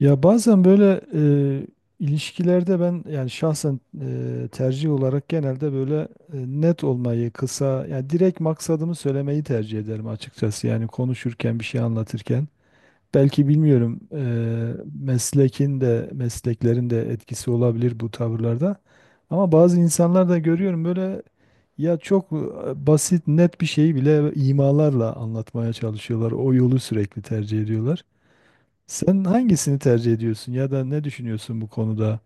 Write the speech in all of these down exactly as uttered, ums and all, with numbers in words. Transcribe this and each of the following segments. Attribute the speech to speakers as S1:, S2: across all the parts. S1: Ya bazen böyle e, ilişkilerde ben yani şahsen e, tercih olarak genelde böyle e, net olmayı, kısa yani direkt maksadımı söylemeyi tercih ederim açıkçası. Yani konuşurken bir şey anlatırken belki bilmiyorum e, meslekin de mesleklerin de etkisi olabilir bu tavırlarda. Ama bazı insanlar da görüyorum böyle ya çok e, basit net bir şeyi bile imalarla anlatmaya çalışıyorlar. O yolu sürekli tercih ediyorlar. Sen hangisini tercih ediyorsun ya da ne düşünüyorsun bu konuda?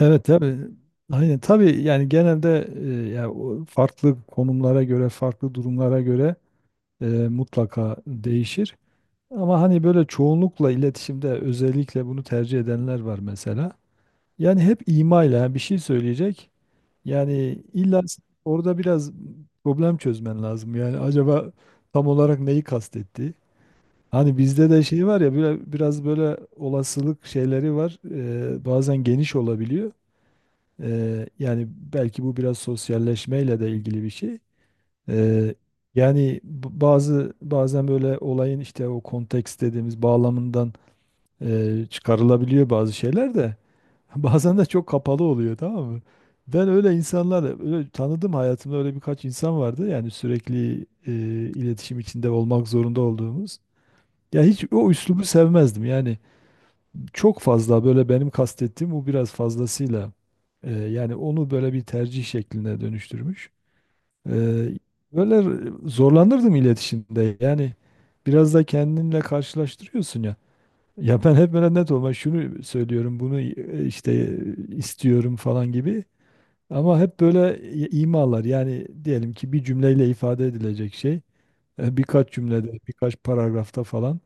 S1: Evet, tabii. Aynen tabii yani genelde e, ya o farklı konumlara göre, farklı durumlara göre e, mutlaka değişir. Ama hani böyle çoğunlukla iletişimde özellikle bunu tercih edenler var mesela. Yani hep imayla bir şey söyleyecek. Yani illa orada biraz problem çözmen lazım. Yani acaba tam olarak neyi kastetti? Hani bizde de şey var ya böyle biraz böyle olasılık şeyleri var. Ee, bazen geniş olabiliyor. Ee, yani belki bu biraz sosyalleşmeyle de ilgili bir şey. Ee, Yani b- bazı bazen böyle olayın işte o konteks dediğimiz bağlamından e, çıkarılabiliyor bazı şeyler de. Bazen de çok kapalı oluyor, tamam mı? Ben öyle insanlar öyle tanıdım hayatımda, öyle birkaç insan vardı. Yani sürekli e, iletişim içinde olmak zorunda olduğumuz. Ya hiç o üslubu sevmezdim. Yani çok fazla böyle benim kastettiğim bu biraz fazlasıyla e, yani onu böyle bir tercih şekline dönüştürmüş. E, Böyle zorlanırdım iletişimde. Yani biraz da kendinle karşılaştırıyorsun ya. Ya ben hep böyle net olma şunu söylüyorum, bunu e, işte e, istiyorum falan gibi. Ama hep böyle i- imalar yani diyelim ki bir cümleyle ifade edilecek şey e, birkaç cümlede, birkaç paragrafta falan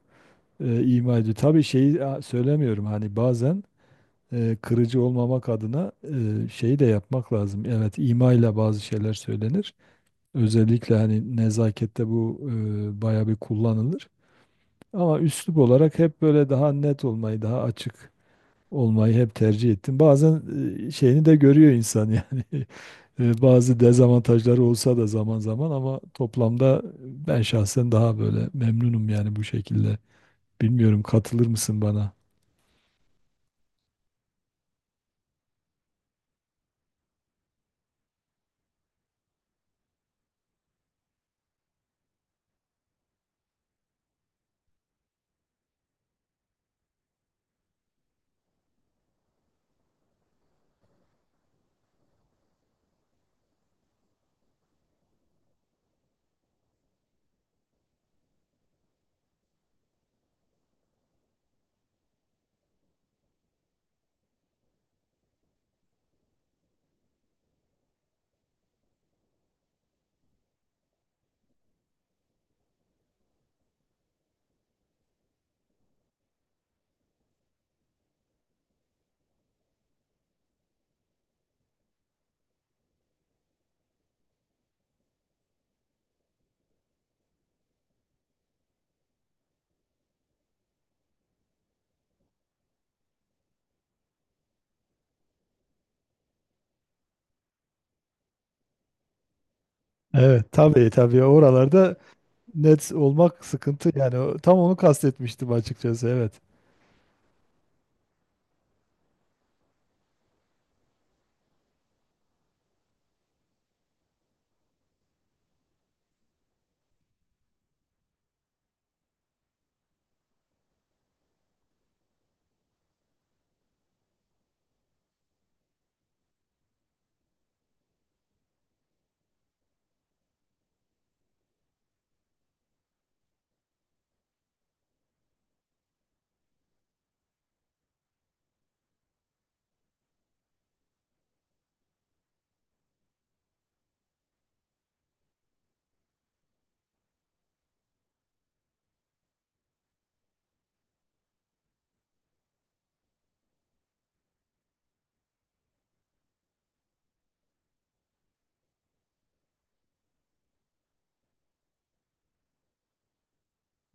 S1: e, ima ediyor. Tabii şeyi a, söylemiyorum hani bazen e, kırıcı olmamak adına e, şeyi de yapmak lazım. Evet, imayla bazı şeyler söylenir. Özellikle hani nezakette bu e, bayağı bir kullanılır. Ama üslup olarak hep böyle daha net olmayı, daha açık olmayı hep tercih ettim. Bazen e, şeyini de görüyor insan yani. E, Bazı dezavantajları olsa da zaman zaman ama toplamda ben şahsen daha böyle memnunum yani bu şekilde. Bilmiyorum, katılır mısın bana? Evet, tabii tabii, oralarda net olmak sıkıntı yani o- tam onu kastetmiştim açıkçası, evet.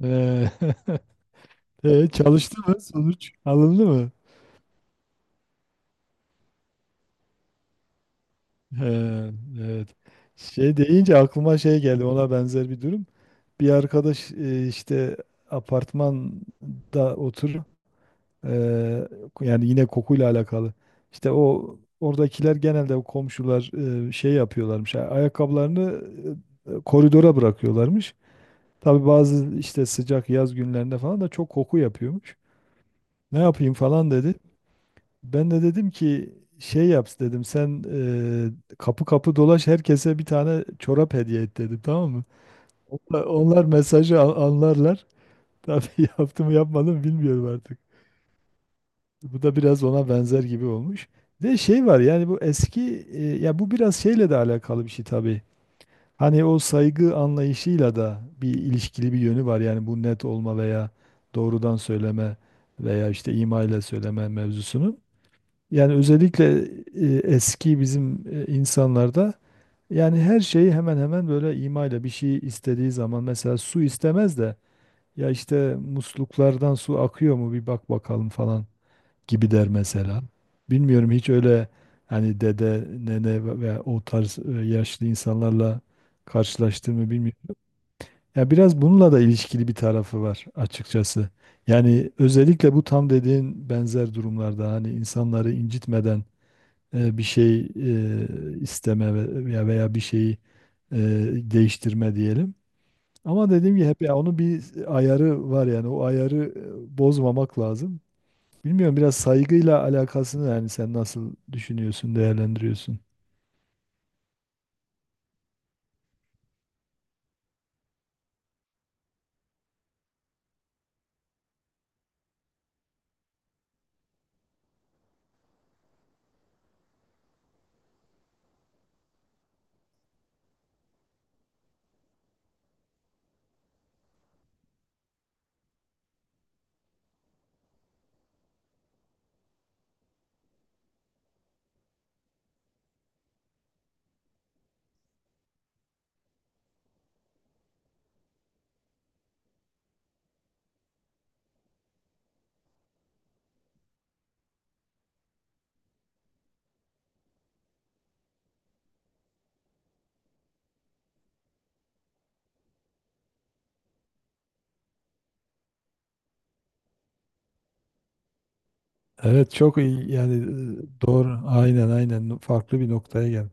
S1: Ee, e, çalıştı mı, sonuç alındı mı? Ee, evet. Şey deyince aklıma şey geldi, ona benzer bir durum. Bir arkadaş e, işte apartmanda oturuyor. Ee, yani yine kokuyla alakalı. İşte o oradakiler genelde o komşular e, şey yapıyorlarmış. Ayakkabılarını e, e, koridora bırakıyorlarmış. Tabii bazı işte sıcak yaz günlerinde falan da çok koku yapıyormuş. Ne yapayım falan dedi. Ben de dedim ki şey yap dedim sen e, kapı kapı dolaş herkese bir tane çorap hediye et dedim, tamam mı? Onlar, onlar mesajı a- anlarlar. Tabii yaptım mı yapmadım mı bilmiyorum artık. Bu da biraz ona benzer gibi olmuş. Bir de şey var yani bu eski e, ya bu biraz şeyle de alakalı bir şey tabii. Hani o saygı anlayışıyla da bir ilişkili bir yönü var. Yani bu net olma veya doğrudan söyleme veya işte ima ile söyleme mevzusunun. Yani özellikle e, eski bizim e, insanlarda yani her şeyi hemen hemen böyle ima ile bir şey istediği zaman mesela su istemez de, ya işte musluklardan su akıyor mu bir bak bakalım falan gibi der mesela. Bilmiyorum hiç öyle hani dede, nene ve ve o tarz e, yaşlı insanlarla karşılaştığımı bilmiyorum. Ya biraz bununla da ilişkili bir tarafı var açıkçası. Yani özellikle bu tam dediğin benzer durumlarda hani insanları incitmeden e, bir şey e, isteme ve- veya veya bir şeyi e, değiştirme diyelim. Ama dediğim gibi hep ya onun bir ayarı var yani o ayarı e, bozmamak lazım. Bilmiyorum biraz saygıyla alakasını, yani sen nasıl düşünüyorsun, değerlendiriyorsun? Evet, çok iyi yani e, doğru, aynen aynen farklı bir noktaya geldi.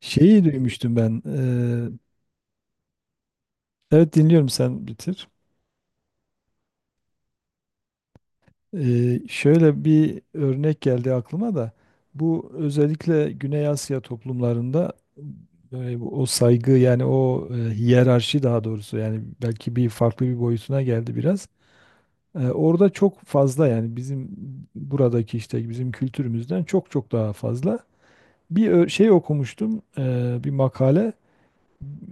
S1: Şeyi duymuştum ben. eee, evet dinliyorum, sen bitir. Eee, şöyle bir örnek geldi aklıma da. Bu özellikle Güney Asya toplumlarında böyle bu- o saygı yani o e, hiyerarşi daha doğrusu, yani belki bir farklı bir boyutuna geldi biraz. Eee, orada çok fazla yani bizim buradaki işte bizim kültürümüzden çok çok daha fazla. Bir ö- şey okumuştum eee, bir makale.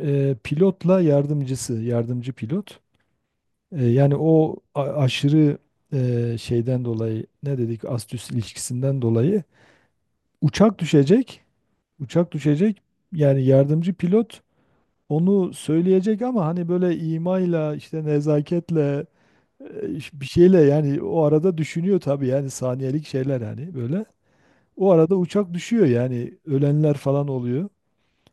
S1: Eee, pilotla yardımcısı, yardımcı pilot. E, yani o a- aşırı e, şeyden dolayı ne dedik, astüs ilişkisinden dolayı uçak düşecek. Uçak düşecek. Yani yardımcı pilot onu söyleyecek ama hani böyle imayla işte nezaketle e, iş- bir şeyle yani o arada düşünüyor tabii yani saniyelik şeyler hani böyle. O arada uçak düşüyor yani ölenler falan oluyor.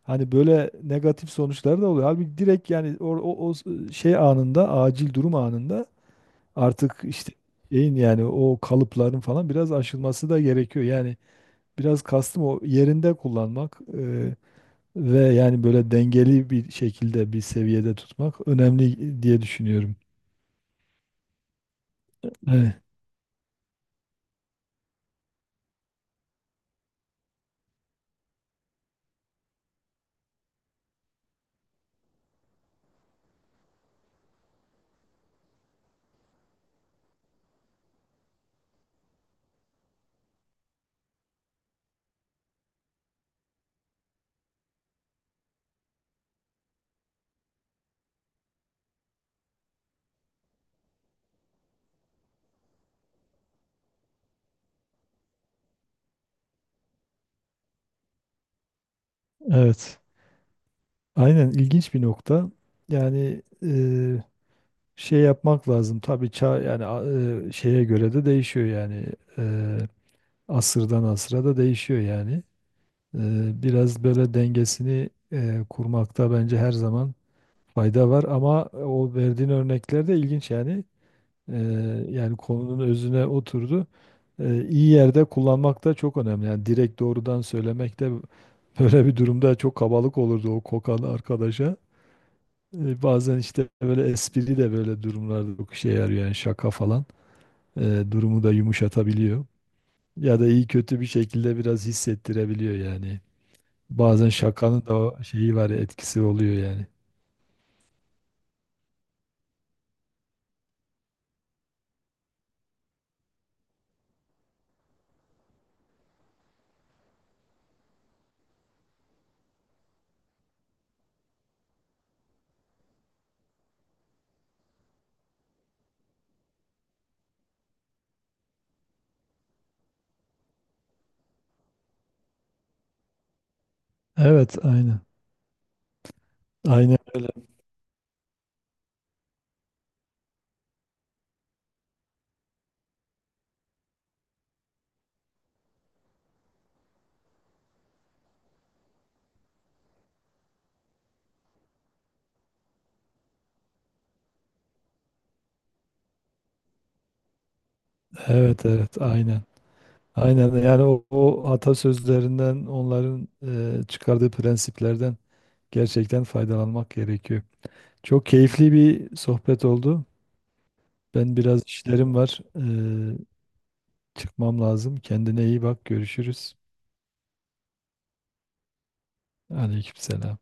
S1: Hani böyle negatif sonuçlar da oluyor. Halbuki direkt yani o, o, o şey anında, acil durum anında artık işte şeyin yani o kalıpların falan biraz aşılması da gerekiyor. Yani biraz kastım o, yerinde kullanmak e, ve yani böyle dengeli bir şekilde bir seviyede tutmak önemli diye düşünüyorum. Evet, evet. Aynen, ilginç bir nokta. Yani e, şey yapmak lazım. Tabii çağ yani a- e, şeye göre de değişiyor yani. E, asırdan asıra da değişiyor yani. E, biraz böyle dengesini e, kurmakta bence her zaman fayda var ama o verdiğin örnekler de ilginç yani. Ee, yani konunun özüne oturdu. Ee, iyi yerde kullanmak da çok önemli. Yani direkt doğrudan söylemek de böyle bir durumda çok kabalık olurdu o kokan arkadaşa. Ee, bazen işte böyle espri de böyle durumlarda çok işe yarıyor yani, şaka falan. Ee, durumu da yumuşatabiliyor. Ya da iyi kötü bir şekilde biraz hissettirebiliyor yani. Bazen şakanın da o şeyi var ya, etkisi oluyor yani. Evet, aynen. Aynen, evet, evet, aynen. Aynen yani o, o atasözlerinden onların e, çıkardığı prensiplerden gerçekten faydalanmak gerekiyor. Çok keyifli bir sohbet oldu. Ben biraz işlerim var. E, çıkmam lazım. Kendine iyi bak. Görüşürüz. Aleykümselam.